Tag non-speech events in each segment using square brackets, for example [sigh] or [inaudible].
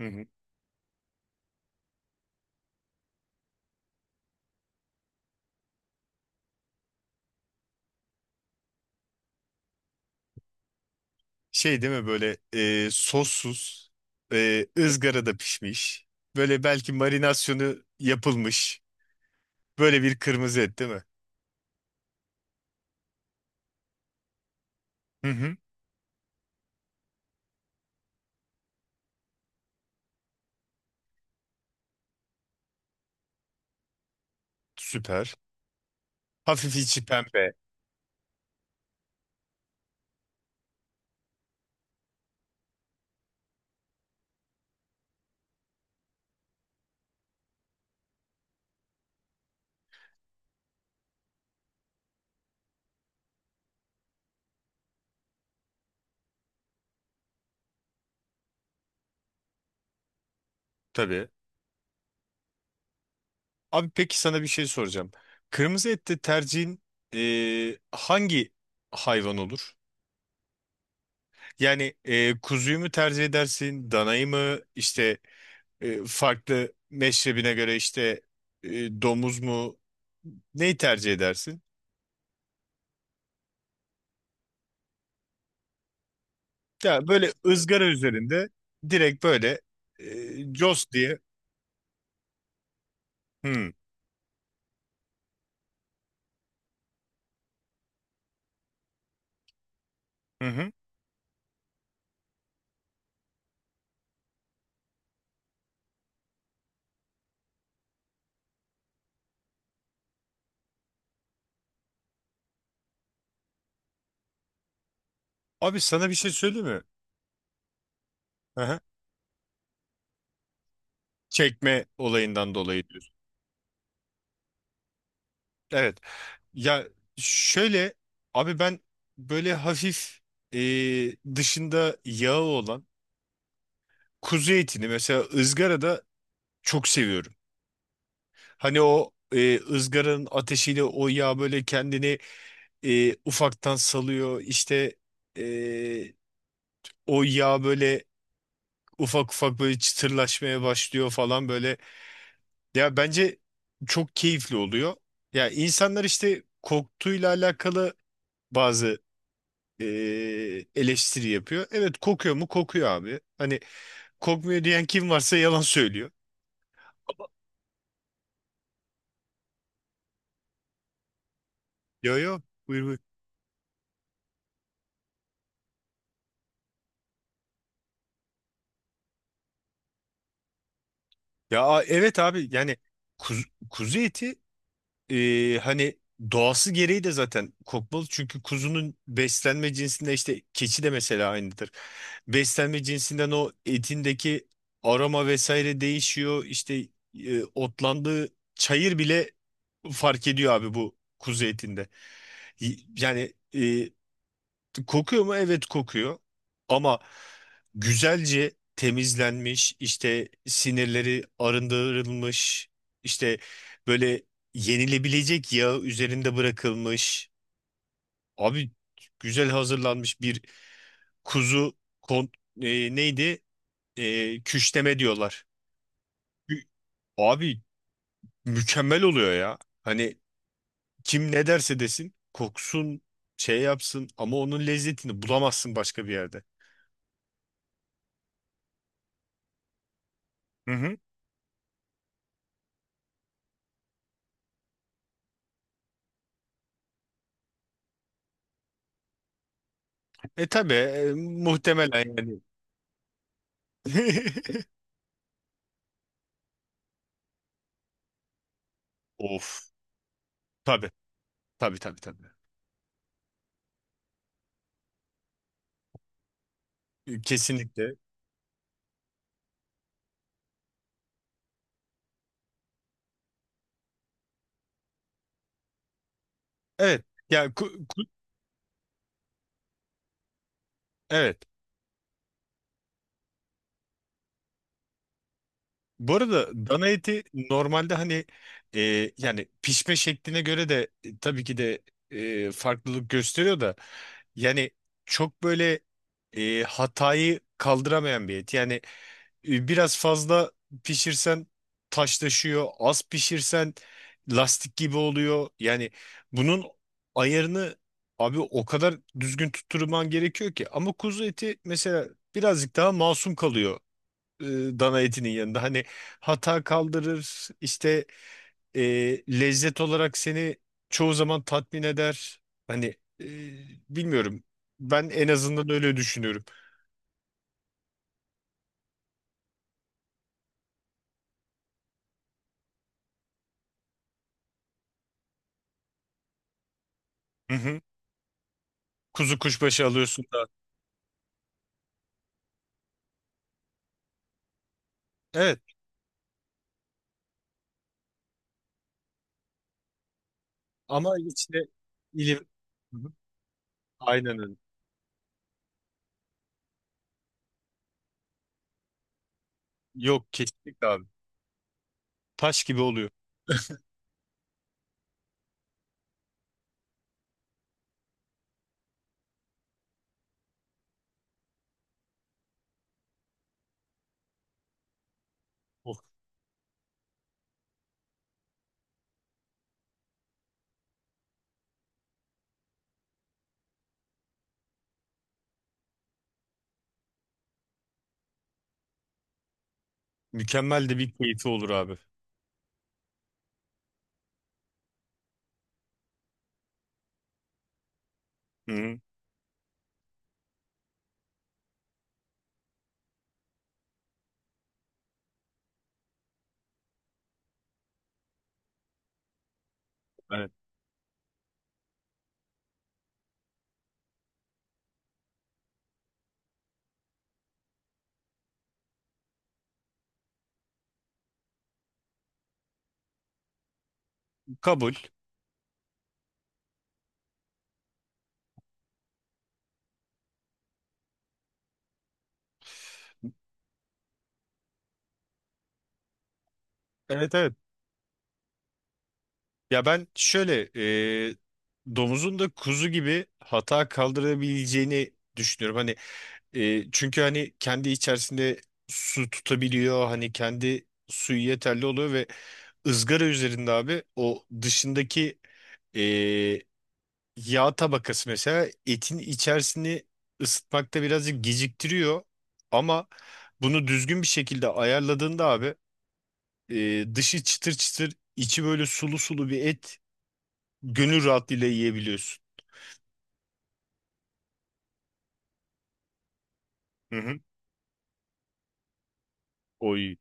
Hı hı. Şey değil mi böyle sossuz, ızgarada pişmiş, böyle belki marinasyonu yapılmış, böyle bir kırmızı et değil mi? Hı hı. Süper. Hafif içi pembe. Tabii. Abi peki sana bir şey soracağım. Kırmızı ette tercihin hangi hayvan olur? Yani kuzuyu mu tercih edersin, danayı mı? İşte farklı meşrebine göre işte domuz mu? Neyi tercih edersin? Ya böyle ızgara üzerinde direkt böyle cos diye. Hmm. Hı hı. Abi sana bir şey söyleyeyim mi? Hı hı. Çekme olayından dolayı diyorsun. Evet. Ya şöyle abi ben böyle hafif e, dışında yağı olan kuzu etini mesela ızgarada çok seviyorum. Hani o ızgaranın ateşiyle o yağ böyle kendini ufaktan salıyor. İşte e, o yağ böyle ufak ufak böyle çıtırlaşmaya başlıyor falan böyle. Ya bence çok keyifli oluyor. Ya insanlar işte koktuğuyla alakalı bazı eleştiri yapıyor. Evet, kokuyor mu? Kokuyor abi. Hani kokmuyor diyen kim varsa yalan söylüyor. Yo, yo, buyur buyur. Ya evet abi yani kuzu eti, hani doğası gereği de zaten kokmalı. Çünkü kuzunun beslenme cinsinde işte keçi de mesela aynıdır. Beslenme cinsinden o etindeki aroma vesaire değişiyor. İşte otlandığı çayır bile fark ediyor abi bu kuzu etinde. Yani kokuyor mu? Evet kokuyor. Ama güzelce temizlenmiş, işte sinirleri arındırılmış, işte böyle yenilebilecek yağ üzerinde bırakılmış. Abi güzel hazırlanmış bir kuzu, kon neydi? Küşleme diyorlar. Kü- Abi mükemmel oluyor ya. Hani kim ne derse desin koksun şey yapsın ama onun lezzetini bulamazsın başka bir yerde. Hı hı. E tabii, muhtemelen yani. [laughs] Of. Tabii, tabii tabii tabii. Kesinlikle. Evet. Ya evet. Bu arada dana eti normalde hani yani pişme şekline göre de tabii ki de farklılık gösteriyor da yani çok böyle hatayı kaldıramayan bir et. Yani biraz fazla pişirsen taşlaşıyor, az pişirsen lastik gibi oluyor. Yani bunun ayarını abi o kadar düzgün tutturman gerekiyor ki. Ama kuzu eti mesela birazcık daha masum kalıyor e, dana etinin yanında. Hani hata kaldırır, işte e, lezzet olarak seni çoğu zaman tatmin eder. Hani e, bilmiyorum. Ben en azından öyle düşünüyorum. Hı hı. Kuzu kuşbaşı alıyorsun da. Evet, ama işte ilim. Hı hı. Aynen öyle. Yok, kesinlikle abi. Taş gibi oluyor. Oh, mükemmel de bir keyfi olur abi. Hı hı. Evet. Kabul. Evet, evet. Ya ben şöyle e, domuzun da kuzu gibi hata kaldırabileceğini düşünüyorum. Hani çünkü hani kendi içerisinde su tutabiliyor. Hani kendi suyu yeterli oluyor ve ızgara üzerinde abi o dışındaki e, yağ tabakası mesela etin içerisini ısıtmakta birazcık geciktiriyor. Ama bunu düzgün bir şekilde ayarladığında abi dışı çıtır çıtır içi böyle sulu sulu bir et gönül rahatlığıyla yiyebiliyorsun. Hı hı. Oy.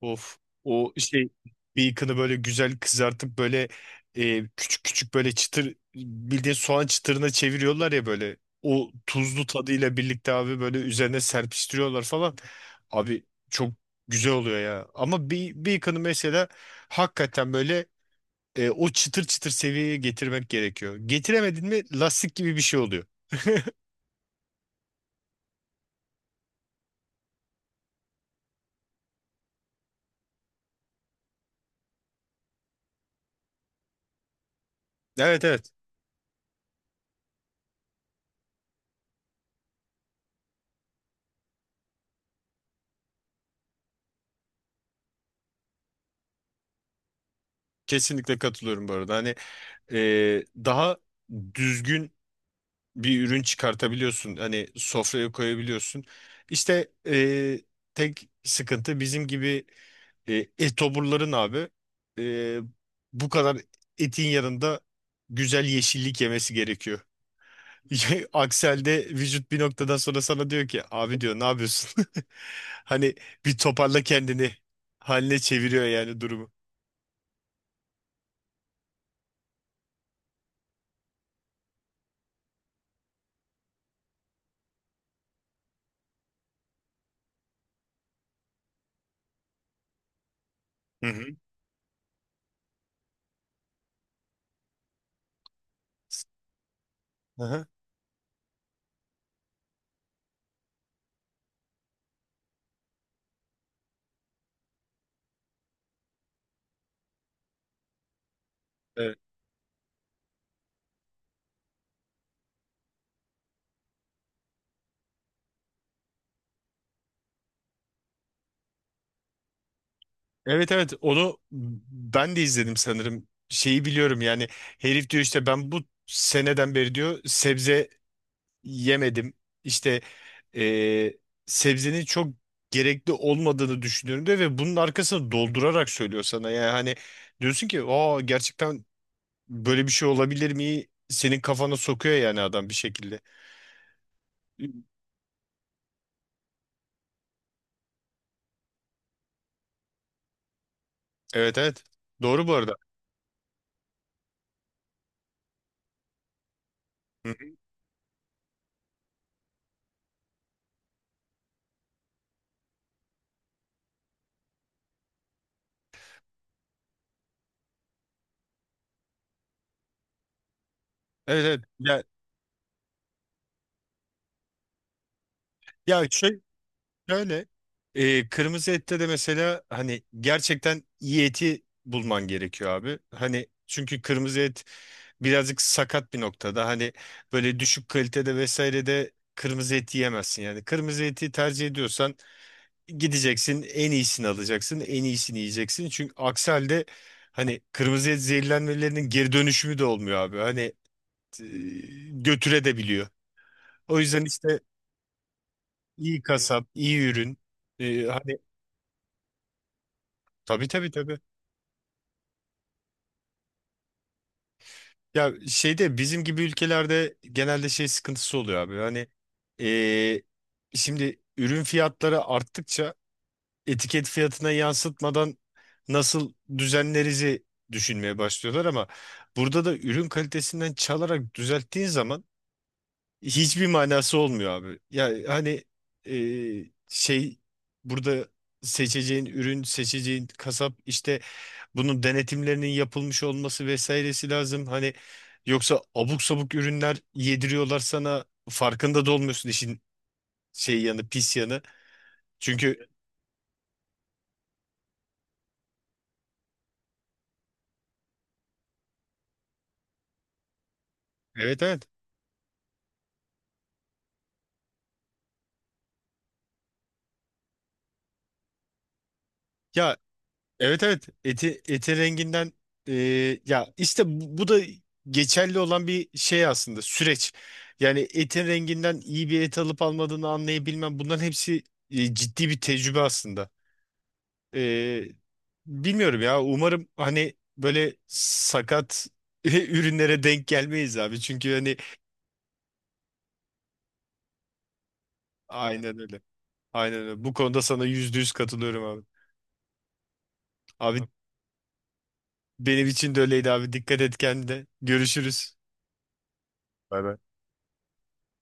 Of. O şey, bacon'ı böyle güzel kızartıp böyle küçük küçük böyle çıtır bildiğin soğan çıtırına çeviriyorlar ya böyle. O tuzlu tadıyla birlikte abi böyle üzerine serpiştiriyorlar falan. Abi çok güzel oluyor ya. Ama bir bacon'ı mesela hakikaten böyle o çıtır çıtır seviyeye getirmek gerekiyor. Getiremedin mi lastik gibi bir şey oluyor. Evet, evet. Kesinlikle katılıyorum bu arada. Hani daha düzgün bir ürün çıkartabiliyorsun. Hani sofraya koyabiliyorsun. İşte tek sıkıntı bizim gibi e, etoburların abi, e, bu kadar etin yanında güzel yeşillik yemesi gerekiyor. [laughs] Aksel'de vücut bir noktadan sonra sana diyor ki abi diyor ne yapıyorsun? [laughs] Hani bir toparla kendini haline çeviriyor yani durumu. Hı hı. Aha. Evet, evet, onu ben de izledim sanırım. Şeyi biliyorum yani, herif diyor işte ben bu seneden beri diyor sebze yemedim. İşte eee, sebzenin çok gerekli olmadığını düşünüyorum diyor ve bunun arkasını doldurarak söylüyor sana. Yani hani diyorsun ki aa, gerçekten böyle bir şey olabilir mi? Senin kafana sokuyor yani adam bir şekilde. Evet, evet, doğru bu arada. Hı hı. Evet, evet ya, ya şöyle, kırmızı ette de mesela hani gerçekten iyi eti bulman gerekiyor abi. Hani çünkü kırmızı et birazcık sakat bir noktada. Hani böyle düşük kalitede vesaire de kırmızı et yiyemezsin. Yani kırmızı eti tercih ediyorsan gideceksin en iyisini alacaksın en iyisini yiyeceksin. Çünkü aksi halde hani kırmızı et zehirlenmelerinin geri dönüşümü de olmuyor abi. Hani e, götüre de biliyor. O yüzden işte iyi kasap, iyi ürün. Hani tabii, tabii tabii. Ya şeyde bizim gibi ülkelerde genelde şey sıkıntısı oluyor abi. Hani eee, şimdi ürün fiyatları arttıkça etiket fiyatına yansıtmadan nasıl düzenlerizi düşünmeye başlıyorlar ama burada da ürün kalitesinden çalarak düzelttiğin zaman hiçbir manası olmuyor abi. Ya hani eee, şey burada seçeceğin ürün, seçeceğin kasap işte bunun denetimlerinin yapılmış olması vesairesi lazım. Hani yoksa abuk sabuk ürünler yediriyorlar sana, farkında da olmuyorsun işin şey yanı, pis yanı. Çünkü evet, evet ya, evet, evet, eti renginden, e, ya işte bu da geçerli olan bir şey aslında süreç. Yani etin renginden iyi bir et alıp almadığını anlayabilmem bunların hepsi ciddi bir tecrübe aslında. Ee, Bilmiyorum ya. Umarım hani böyle sakat [laughs] ürünlere denk gelmeyiz abi. Çünkü hani aynen öyle. Aynen öyle. Bu konuda sana %100 katılıyorum abi. Abi benim için de öyleydi abi. Dikkat et kendine. Görüşürüz. Bay bay.